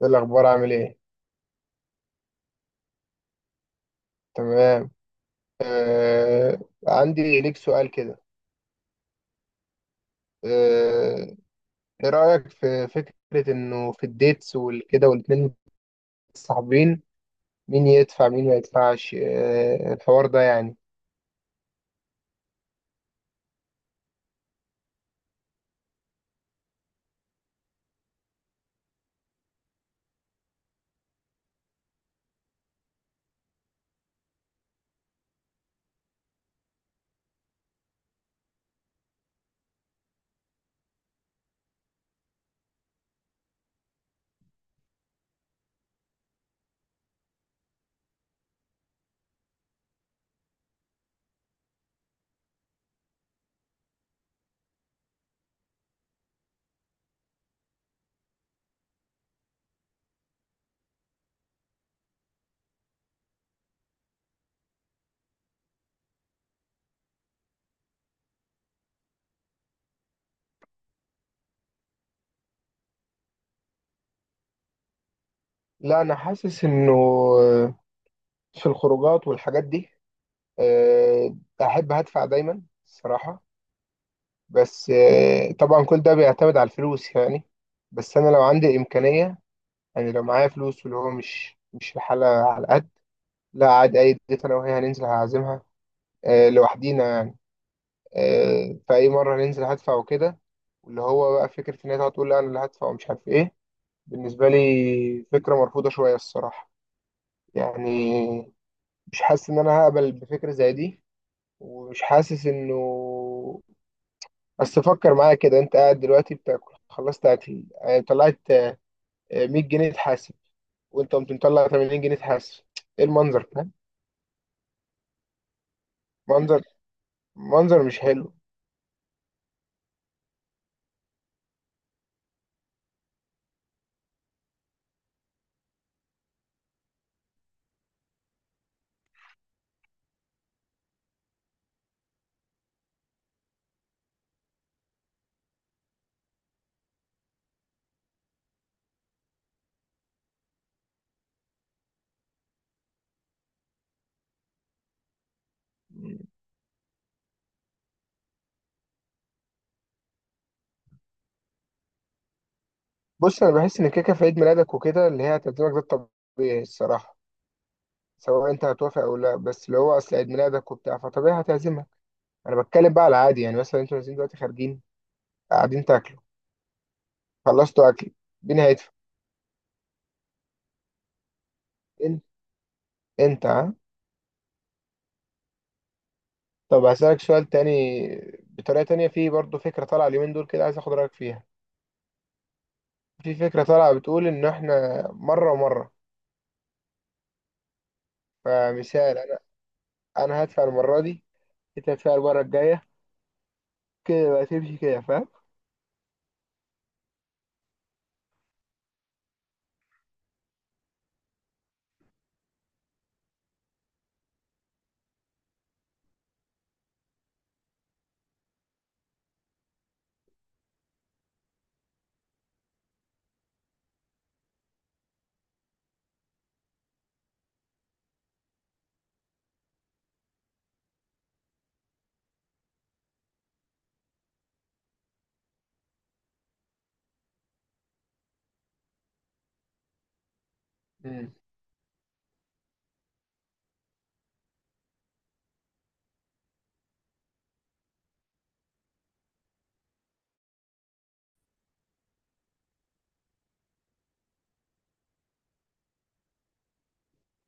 ايه الاخبار، عامل ايه؟ تمام. آه. عندي ليك سؤال كده. آه. ايه رايك في فكره انه في الديتس والكده والاتنين متصاحبين، مين يدفع مين ما يدفعش؟ الحوار ده يعني. لا انا حاسس انه في الخروجات والحاجات دي، آه احب هدفع دايما الصراحه. بس طبعا كل ده بيعتمد على الفلوس يعني. بس انا لو عندي امكانيه، يعني لو معايا فلوس واللي هو مش الحاله على قد. لا عادي، أي ديت أنا وهي هننزل هعزمها. لوحدينا يعني. فأي مرة هننزل هدفع وكده. واللي هو بقى فكرة إن هي تقعد تقول لا أنا اللي هدفع ومش عارف إيه، بالنسبة لي فكرة مرفوضة شوية الصراحة يعني. مش حاسس إن أنا هقبل بفكرة زي دي، ومش حاسس إنه، بس فكر معايا كده. أنت قاعد دلوقتي بتاكل، خلصت أكل طلعت، 100 جنيه تحاسب، وأنت قمت مطلع 80 جنيه تحاسب. إيه المنظر، فاهم؟ منظر، منظر مش حلو. بص انا بحس ان كيكه في عيد ميلادك وكده اللي هي تقديمك، ده الطبيعي الصراحه، سواء انت هتوافق او لا. بس اللي هو اصل عيد ميلادك وبتاع، فطبيعي هتعزمك. انا بتكلم بقى على العادي، يعني مثلا انتوا نازلين دلوقتي خارجين قاعدين تاكلوا، خلصتوا اكل، مين هيدفع؟ انت. انت ها. طب هسألك سؤال تاني بطريقه تانية. في برضه فكره طالعه اليومين دول كده، عايز اخد رايك فيها. في فكره طالعه بتقول ان احنا مره ومره. فمثال، انا انا هدفع المره دي، انت هتدفع المره الجايه، كده بقى تمشي كده. فاهم؟ إمم.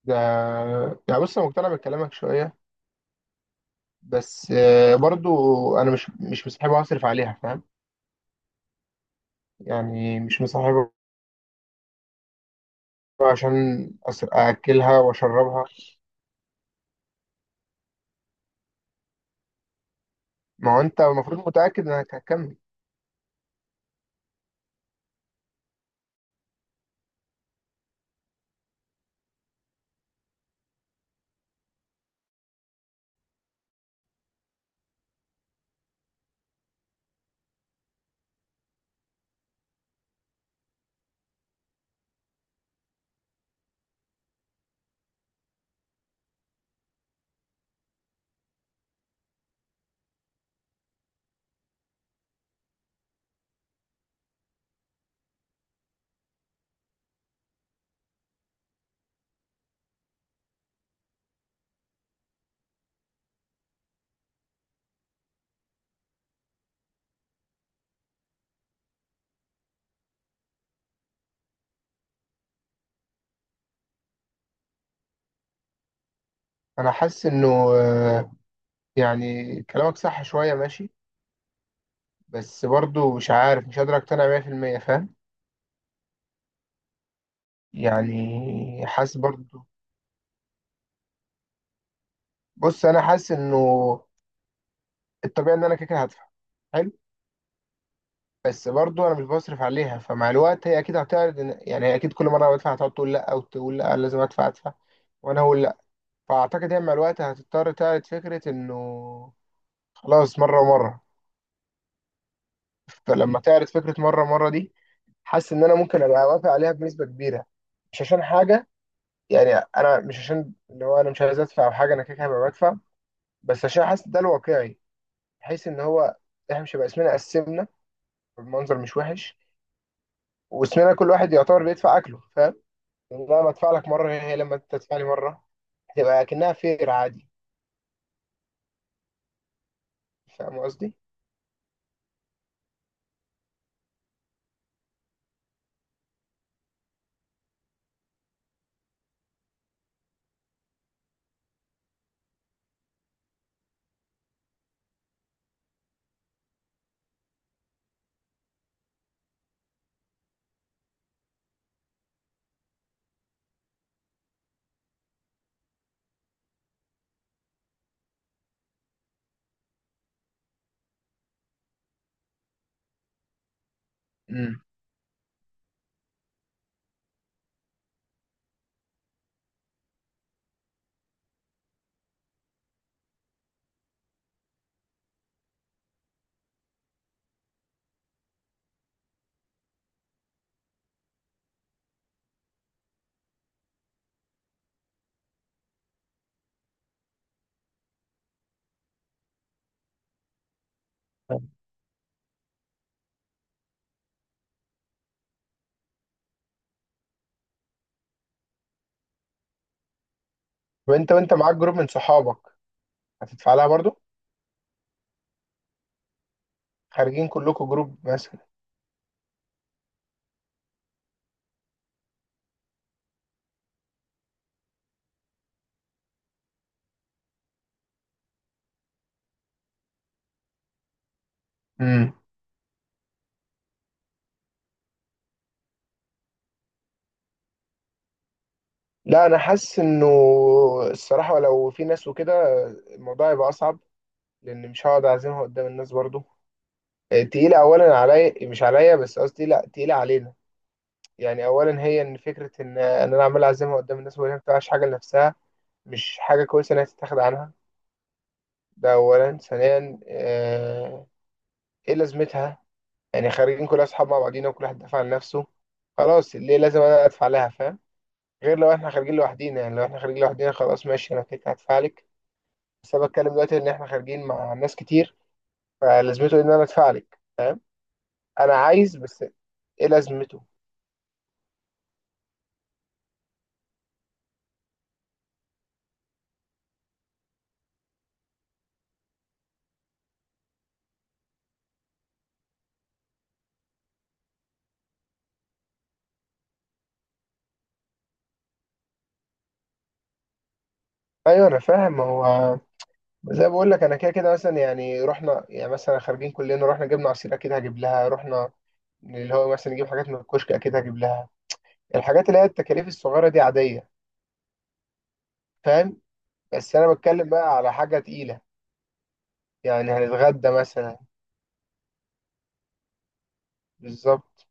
ده يعني، بص انا مقتنع بكلامك شويه، بس برضو انا مش مصاحبها اصرف عليها، فاهم؟ يعني مش مصاحبها عشان اكلها واشربها. ما هو انت المفروض متاكد انك هتكمل. انا حاسس انه، آه، يعني كلامك صح شويه ماشي، بس برضو مش عارف، مش قادر اقتنع 100% فاهم. يعني حاسس برضو، بص انا حاسس انه الطبيعي ان انا كده كده هدفع، حلو؟ بس برضو انا مش بصرف عليها، فمع الوقت هي اكيد هتعرض، يعني هي اكيد كل مره أنا بدفع هتقعد تقول لا، وتقول لا لازم ادفع ادفع، وانا اقول لا. فاعتقد هي مع الوقت هتضطر تعرض فكره انه خلاص مره ومره. فلما تعرض فكره مره ومره دي، حاسس ان انا ممكن ابقى وافق عليها بنسبه كبيره، مش عشان حاجه، يعني انا مش عشان اللي هو انا مش عايز ادفع او حاجه، انا كده كده هبقى بدفع، بس عشان حاسس ده الواقعي. بحيث ان هو احنا مش هيبقى اسمنا قسمنا بالمنظر مش وحش، واسمنا كل واحد يعتبر بيدفع اكله، لا ما ادفع لك مره هي لما انت تدفع لي مره، هتبقى اكنها فير عادي. فاهم قصدي؟ امم. وانت معاك جروب من صحابك، هتدفع لها برضو؟ خارجين كلكم جروب مثلا. امم. لا انا حاسس انه الصراحه لو في ناس وكده، الموضوع هيبقى اصعب، لان مش هقعد اعزمها قدام الناس برضو. تقيله، اولا عليا، مش عليا بس، قصدي لا تقيله علينا، يعني اولا هي ان فكره ان انا عمال اعزمها قدام الناس وهي ما بتعملش حاجه لنفسها مش حاجه كويسه انها تتاخد عنها. ده أولا. ثانيا، إيه لازمتها؟ يعني خارجين كل أصحاب مع بعضينا وكل واحد دافع عن نفسه، خلاص ليه لازم أنا أدفع لها، فاهم؟ غير لو إحنا خارجين لوحدينا، يعني لو إحنا خارجين لوحدينا خلاص ماشي أنا كده كده هدفع لك. بس أنا بتكلم دلوقتي إن إحنا خارجين مع ناس كتير، فلازمته إن أنا أدفع لك؟ أنا عايز بس، إيه لازمته؟ أيوه أنا فاهم. هو زي ما بقول لك أنا كده كده مثلا، يعني رحنا، يعني مثلا خارجين كلنا رحنا جبنا عصير أكيد هجيب لها، رحنا اللي هو مثلا نجيب حاجات من الكشك أكيد هجيب لها. الحاجات اللي هي التكاليف الصغيرة دي عادية، فاهم؟ بس أنا بتكلم بقى على حاجة تقيلة، يعني هنتغدى مثلا. بالظبط.